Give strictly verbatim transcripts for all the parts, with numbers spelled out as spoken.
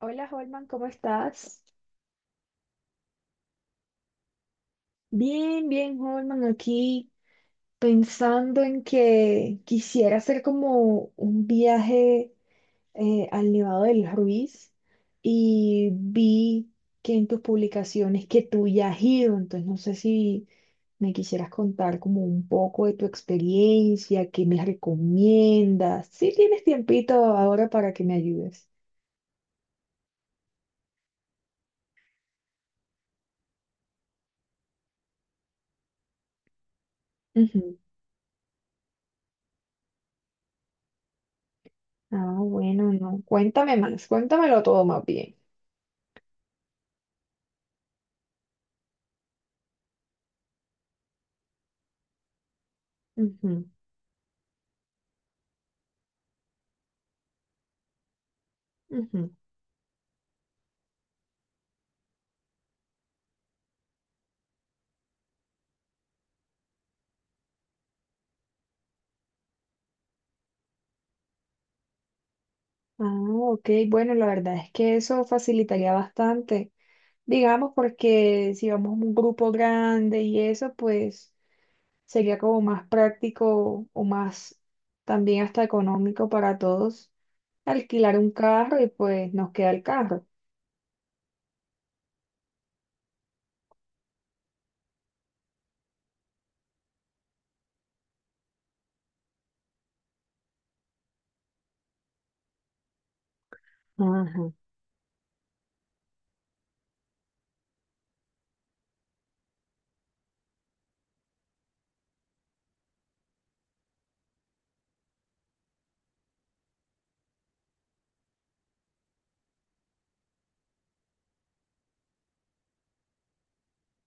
Hola Holman, ¿cómo estás? Bien, bien Holman, aquí pensando en que quisiera hacer como un viaje eh, al Nevado del Ruiz y vi que en tus publicaciones que tú ya has ido, entonces no sé si me quisieras contar como un poco de tu experiencia, qué me recomiendas. Si tienes tiempito ahora para que me ayudes. Ujú. Ah, bueno, no, cuéntame más, cuéntamelo todo más bien. Ujú. Ujú. Ah, ok, bueno, la verdad es que eso facilitaría bastante, digamos, porque si vamos a un grupo grande y eso, pues sería como más práctico o más también hasta económico para todos alquilar un carro y pues nos queda el carro. Ajá.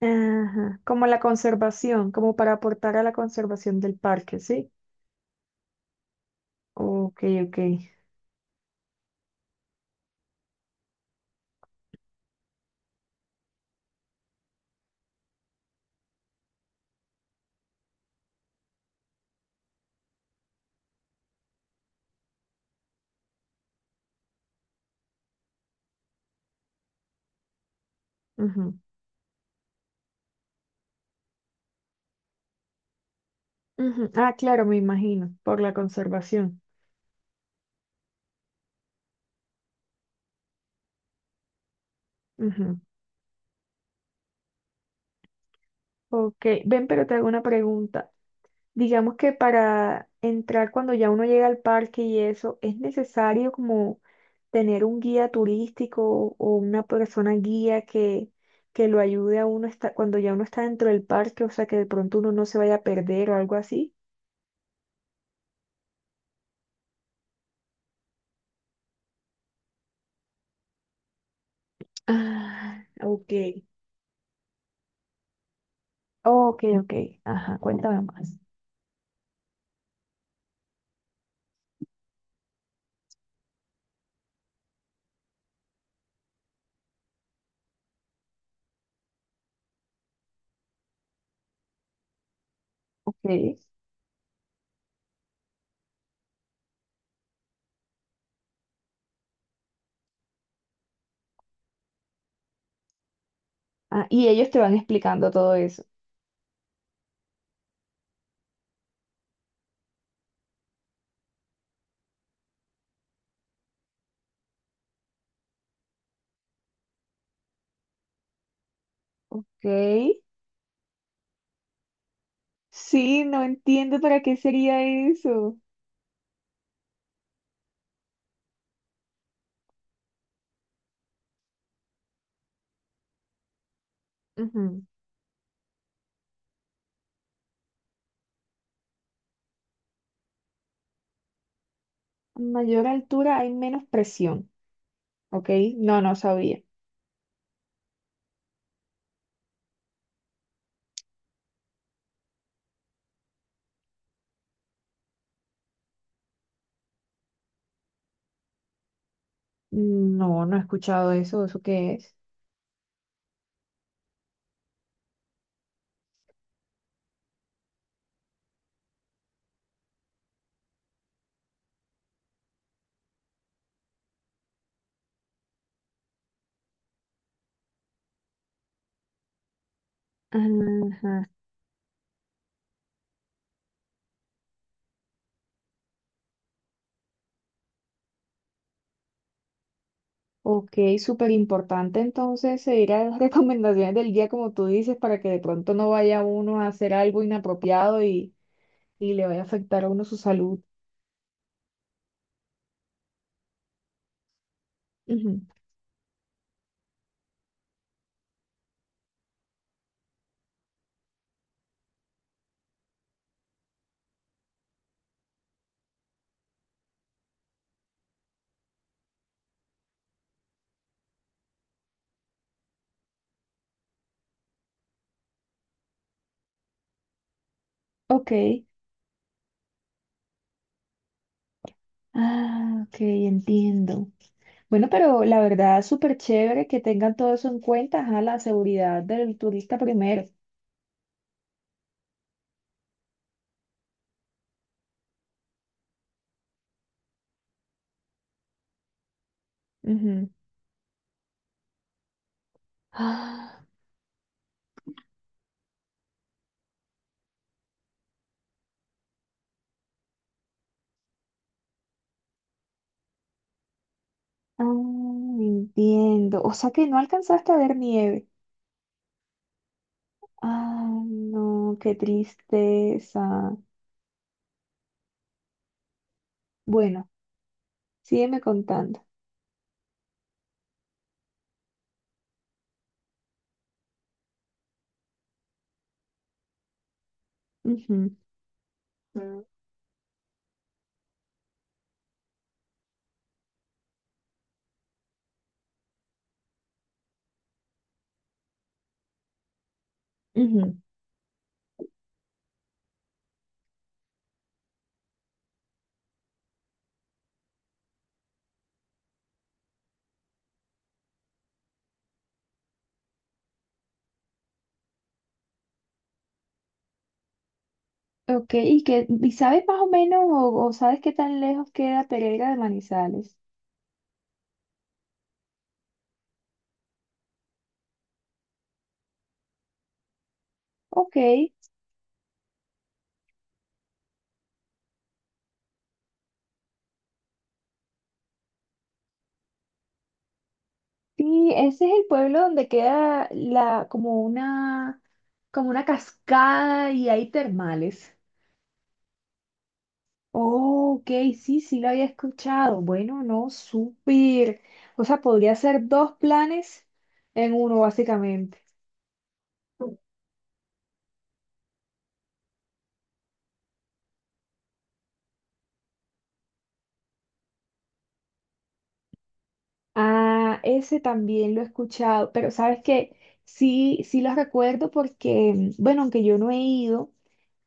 Ajá, como la conservación, como para aportar a la conservación del parque, ¿sí? Ok, ok. Ujú, ujú. Ah, claro, me imagino, por la conservación. Ujú. Ok, ven, pero te hago una pregunta. Digamos que para entrar cuando ya uno llega al parque y eso, ¿es necesario como tener un guía turístico o una persona guía que, que lo ayude a uno esta- cuando ya uno está dentro del parque? O sea, que de pronto uno no se vaya a perder o algo así. Ah, ok. Ok, ok, ajá, cuéntame más. Ok. Ah, y ellos te van explicando todo eso. Ok. Sí, no entiendo para qué sería eso. A mayor altura hay menos presión, ¿ok? No, no sabía. No, no he escuchado eso, ¿eso qué es? Ajá. Ok, súper importante entonces seguir a las recomendaciones del guía, como tú dices, para que de pronto no vaya uno a hacer algo inapropiado y, y le vaya a afectar a uno su salud. Ujú. Ok, ah, ok, entiendo. Bueno, pero la verdad, súper chévere que tengan todo eso en cuenta, ajá, la seguridad del turista primero. Ujú. Ah, Ah, entiendo. O sea que no alcanzaste a ver nieve. Ah, no, qué tristeza. Bueno, sígueme contando. Ujú, Mm. ujú. Ok, ¿y, qué, y sabes más o menos o, o sabes qué tan lejos queda Pereira de Manizales? Ok, sí, ese es el pueblo donde queda la, como una, como una cascada y hay termales. Oh, ok, sí, sí lo había escuchado. Bueno, no, súper. O sea, podría ser dos planes en uno, básicamente. Ah, ese también lo he escuchado, pero sabes que sí, sí los recuerdo porque, mm, bueno, aunque yo no he ido.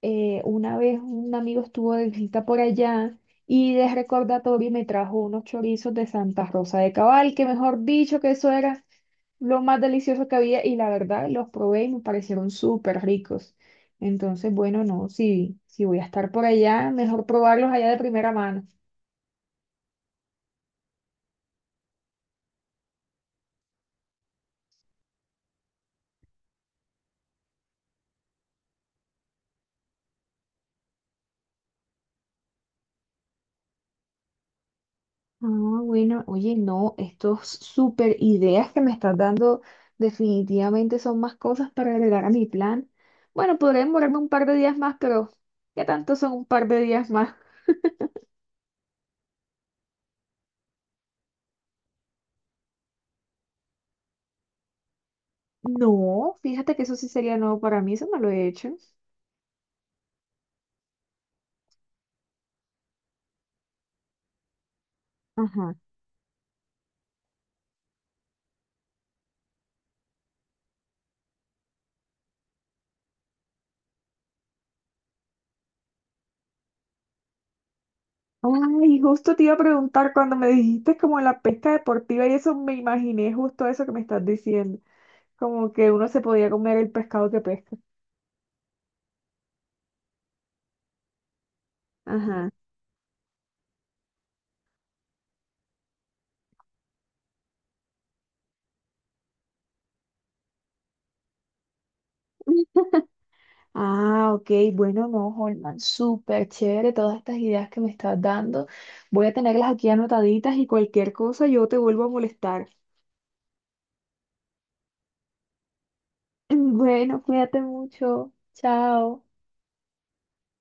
eh, Una vez un amigo estuvo de visita por allá y de recordatorio me trajo unos chorizos de Santa Rosa de Cabal, que mejor dicho que eso era lo más delicioso que había y la verdad los probé y me parecieron súper ricos. Entonces, bueno, no, si, si voy a estar por allá, mejor probarlos allá de primera mano. Ah, bueno, oye, no, estos súper ideas que me estás dando definitivamente son más cosas para agregar a mi plan. Bueno, podré demorarme un par de días más, pero ¿qué tanto son un par de días más? No, fíjate que eso sí sería nuevo para mí, eso no lo he hecho. Ajá. Ay, justo te iba a preguntar cuando me dijiste como la pesca deportiva y eso me imaginé justo eso que me estás diciendo, como que uno se podía comer el pescado que pesca. Ajá. Ah, ok, bueno, no, Holman, súper chévere todas estas ideas que me estás dando. Voy a tenerlas aquí anotaditas y cualquier cosa yo te vuelvo a molestar. Bueno, cuídate mucho. Chao.